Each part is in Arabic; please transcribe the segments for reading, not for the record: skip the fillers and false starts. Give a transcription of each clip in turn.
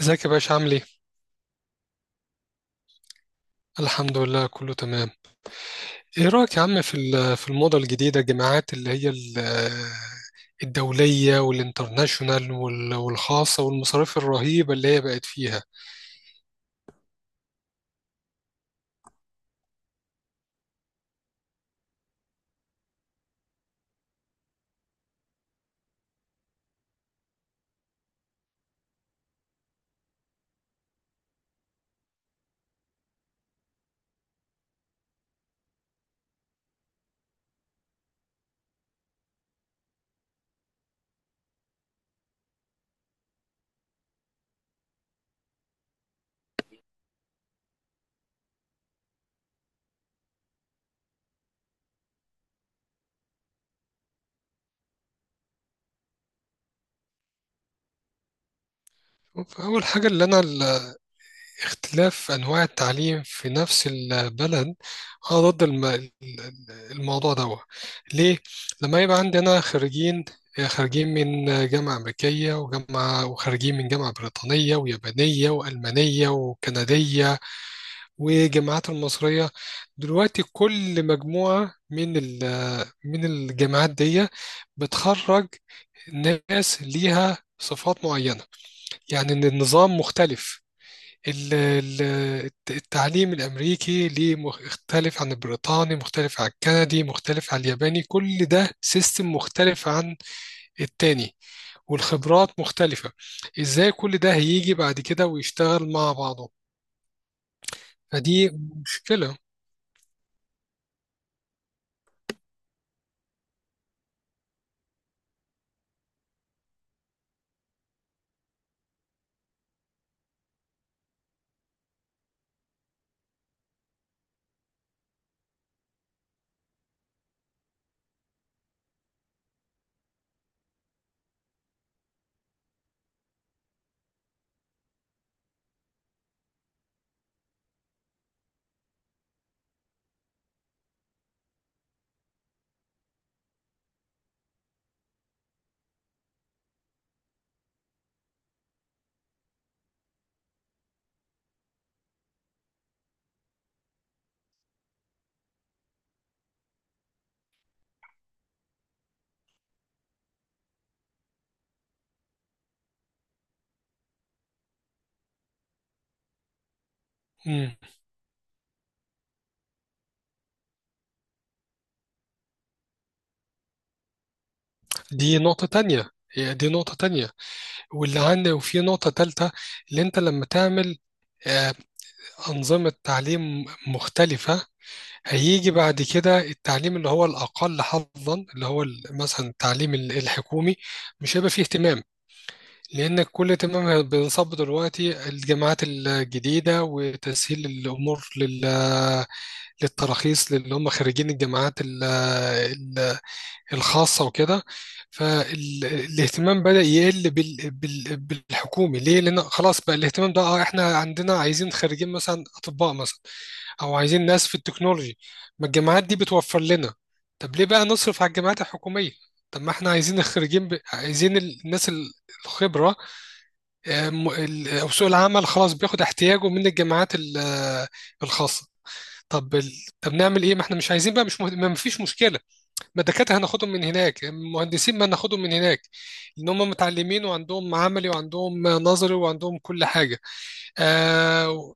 ازيك يا باشا، عامل ايه؟ الحمد لله، كله تمام. ايه رأيك يا عم في الموضة الجديدة، الجامعات اللي هي الدولية والانترناشونال والخاصة والمصاريف الرهيبة اللي هي بقت فيها. فأول حاجة، اختلاف أنواع التعليم في نفس البلد، أنا ضد الموضوع ده. ليه؟ لما يبقى عندنا خريجين خارجين من جامعة أمريكية، وجامعة، وخارجين من جامعة بريطانية ويابانية وألمانية وكندية، والجامعات المصرية. دلوقتي كل مجموعة من الجامعات دي بتخرج ناس ليها صفات معينة، يعني إن النظام مختلف. ال- ال- التعليم الأمريكي ليه مختلف عن البريطاني، مختلف عن الكندي، مختلف عن الياباني، كل ده سيستم مختلف عن التاني، والخبرات مختلفة. إزاي كل ده هيجي بعد كده ويشتغل مع بعضه؟ فدي مشكلة. دي نقطة تانية، واللي عندي وفي نقطة تالتة، اللي انت لما تعمل آه، أنظمة تعليم مختلفة، هيجي بعد كده التعليم اللي هو الأقل حظا، اللي هو مثلا التعليم الحكومي، مش هيبقى فيه اهتمام. لأن كل اهتمام بينصب دلوقتي الجامعات الجديدة، وتسهيل الأمور للتراخيص اللي هم خريجين الجامعات الخاصة وكده. فالاهتمام بدأ يقل بالحكومي. ليه؟ لأن خلاص بقى الاهتمام ده، احنا عندنا عايزين خريجين مثلا أطباء مثلا، أو عايزين ناس في التكنولوجي، ما الجامعات دي بتوفر لنا. طب ليه بقى نصرف على الجامعات الحكومية؟ طب ما احنا عايزين الخريجين، عايزين الناس الخبرة، أو سوق العمل خلاص بياخد احتياجه من الجامعات الخاصة. طب ال... طب نعمل ايه؟ ما احنا مش عايزين بقى، مش مه... ما فيش مشكلة، ما الدكاترة هناخدهم من هناك، المهندسين ما هناخدهم من هناك، لأن هم متعلمين، وعندهم عملي، وعندهم نظري، وعندهم كل حاجة. آه, و-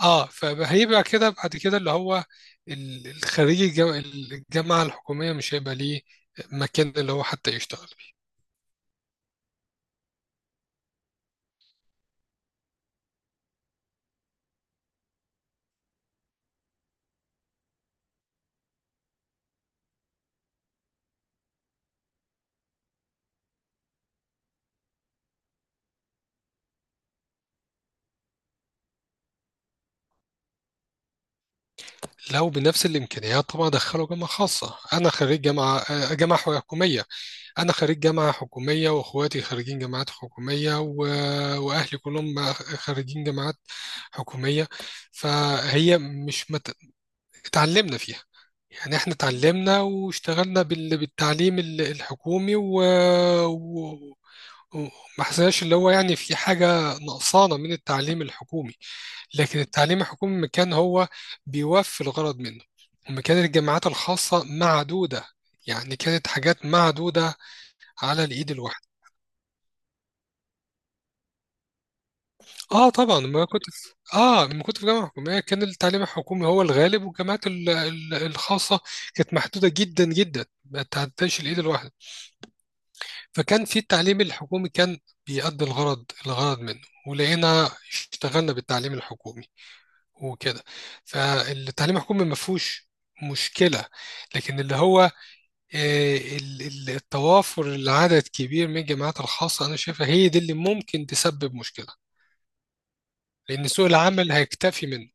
فهيبقى كده بعد كده اللي هو، ال- الخريج الجام- الجامعة الحكومية مش هيبقى ليه مكان اللي هو حتى يشتغل. لو بنفس الإمكانيات طبعا أدخله جامعة خاصة. أنا خريج جامعة حكومية، أنا خريج جامعة حكومية، وإخواتي خريجين جامعات حكومية، وأهلي كلهم خريجين جامعات حكومية. فهي مش مت... اتعلمنا فيها. يعني احنا اتعلمنا واشتغلنا بالتعليم الحكومي، و... وما حسناش اللي هو، يعني في حاجة نقصانة من التعليم الحكومي. لكن التعليم الحكومي ما كان هو بيوفي الغرض منه، وما كانت الجامعات الخاصة معدودة، يعني كانت حاجات معدودة على الايد الواحده. اه طبعا، ما كنت في اه لما كنت في جامعه حكوميه، كان التعليم الحكومي هو الغالب، والجامعات الخاصه كانت محدوده جدا جدا، ما تعداش الايد الواحده. فكان في التعليم الحكومي، كان بيأدي الغرض منه، ولقينا اشتغلنا بالتعليم الحكومي وكده. فالتعليم الحكومي ما فيهوش مشكله. لكن اللي هو التوافر، العدد كبير من الجامعات الخاصه، انا شايفها هي دي اللي ممكن تسبب مشكله، لأن سوق العمل هيكتفي منك.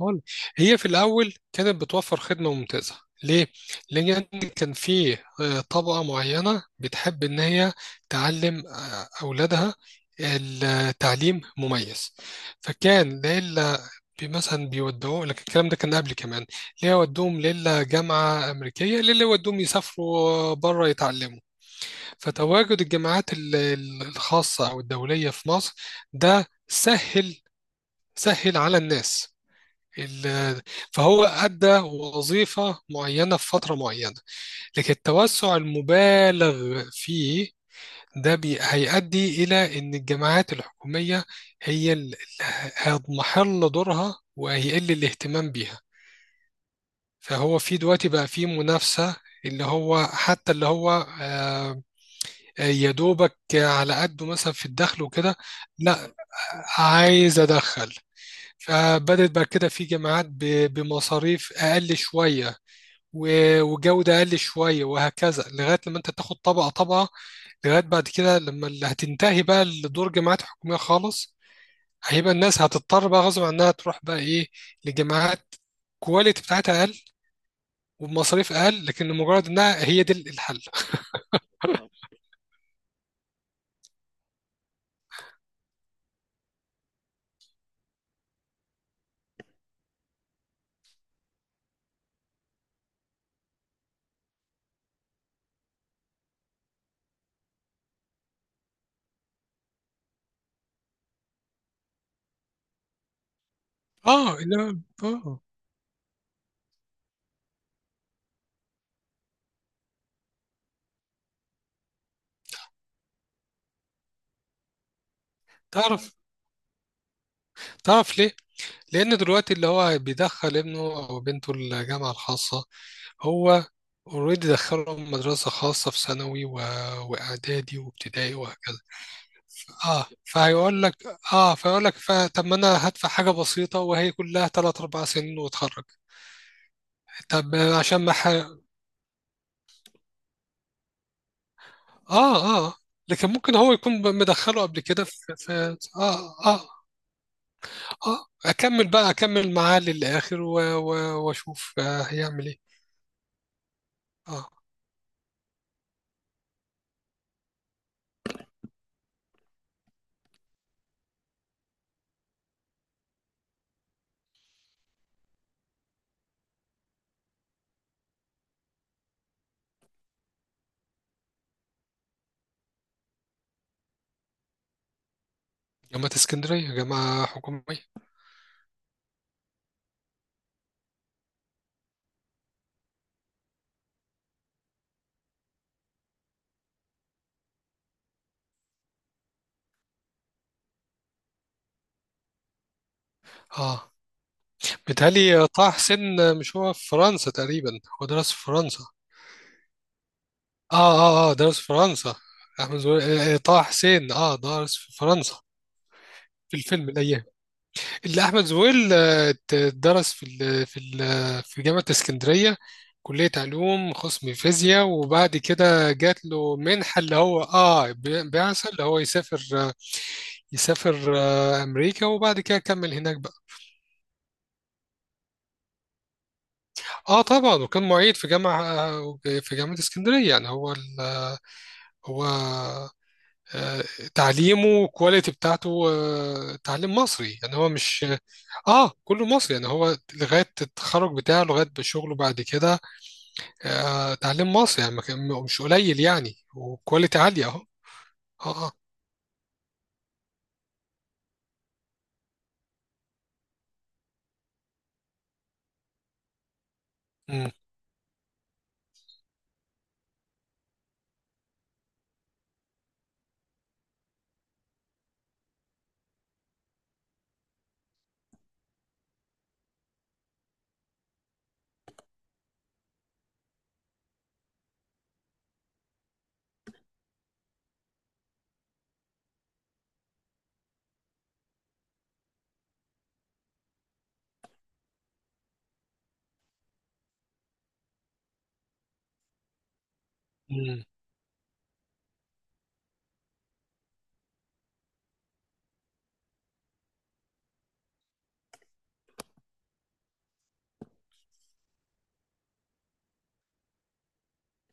هو- هي في الأول كانت بتوفر خدمة ممتازة. ليه؟ لأن يعني كان في طبقة معينة بتحب إن هي تعلم أولادها التعليم مميز. فكان ليلة، مثلا بيودوه لك، الكلام ده كان قبل كمان، ليه يودوهم ليلة جامعة أمريكية، ليه يودوهم يسافروا بره يتعلموا. فتواجد الجامعات الخاصة أو الدولية في مصر، ده سهل، سهل على الناس. ال- فهو أدى وظيفة معينة في فترة معينة، لكن التوسع المبالغ فيه ده، هيؤدي إلى إن الجامعات الحكومية هي اللي هتضمحل دورها، وهيقل الاهتمام بيها. فهو في دلوقتي بقى في منافسة، اللي هو حتى اللي هو آه، يا دوبك على قده، مثلا في الدخل وكده. لا، عايز أدخل. فبدت بقى كده في جامعات بمصاريف أقل شوية، وجودة أقل شوية، وهكذا، لغاية لما أنت تاخد طبقة طبقة، لغاية بعد كده لما اللي هتنتهي بقى لدور جماعات حكومية خالص، هيبقى الناس هتضطر بقى غصب عنها تروح بقى إيه، لجماعات كواليتي بتاعتها أقل وبمصاريف أقل، لكن مجرد إنها هي دي الحل. إنما تعرف تعرف ليه؟ لأن دلوقتي اللي هو بيدخل ابنه أو بنته الجامعة الخاصة، هو اوريدي دخلهم مدرسة خاصة في ثانوي، وإعدادي وابتدائي وهكذا. اه فهيقول لك، طب ما انا هدفع حاجه بسيطه، وهي كلها 3 4 سنين واتخرج. طب عشان ما ح... اه لكن ممكن هو يكون مدخله قبل كده اه اه اه اكمل معاه للاخر، واشوف هيعمل ايه. اه. جامعة اسكندرية، جامعة حكومية. اه بيتهيألي طه حسين، مش هو في فرنسا تقريبا، هو درس في فرنسا. اه درس في فرنسا. احمد زويل، طه حسين درس في فرنسا، في الفيلم الايام. اللي احمد زويل درس في جامعه اسكندريه، كليه علوم قسم فيزياء، وبعد كده جات له منحه، اللي هو بعثه، اللي هو يسافر امريكا، وبعد كده كمل هناك بقى. اه طبعا، وكان معيد في جامعه اسكندريه. يعني هو هو آه، تعليمه، والكواليتي بتاعته تعليم مصري، يعني هو مش، اه، كله مصري. يعني هو لغايه التخرج بتاعه، لغايه شغله بعد كده، تعليم مصري، يعني ما كان- مش قليل يعني، وكواليتي عاليه اهو. اه، اه. مم، مم،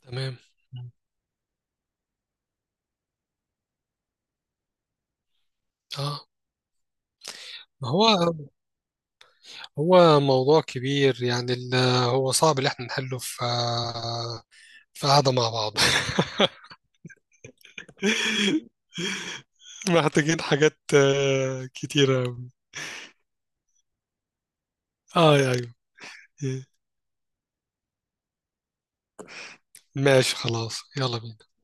تمام. مم، اه. ما هو موضوع كبير، يعني هو صعب اللي احنا نحله في قعده مع بعض. محتاجين حاجات كتيره أوي. اه، ايوه، ماشي، خلاص، يلا بينا.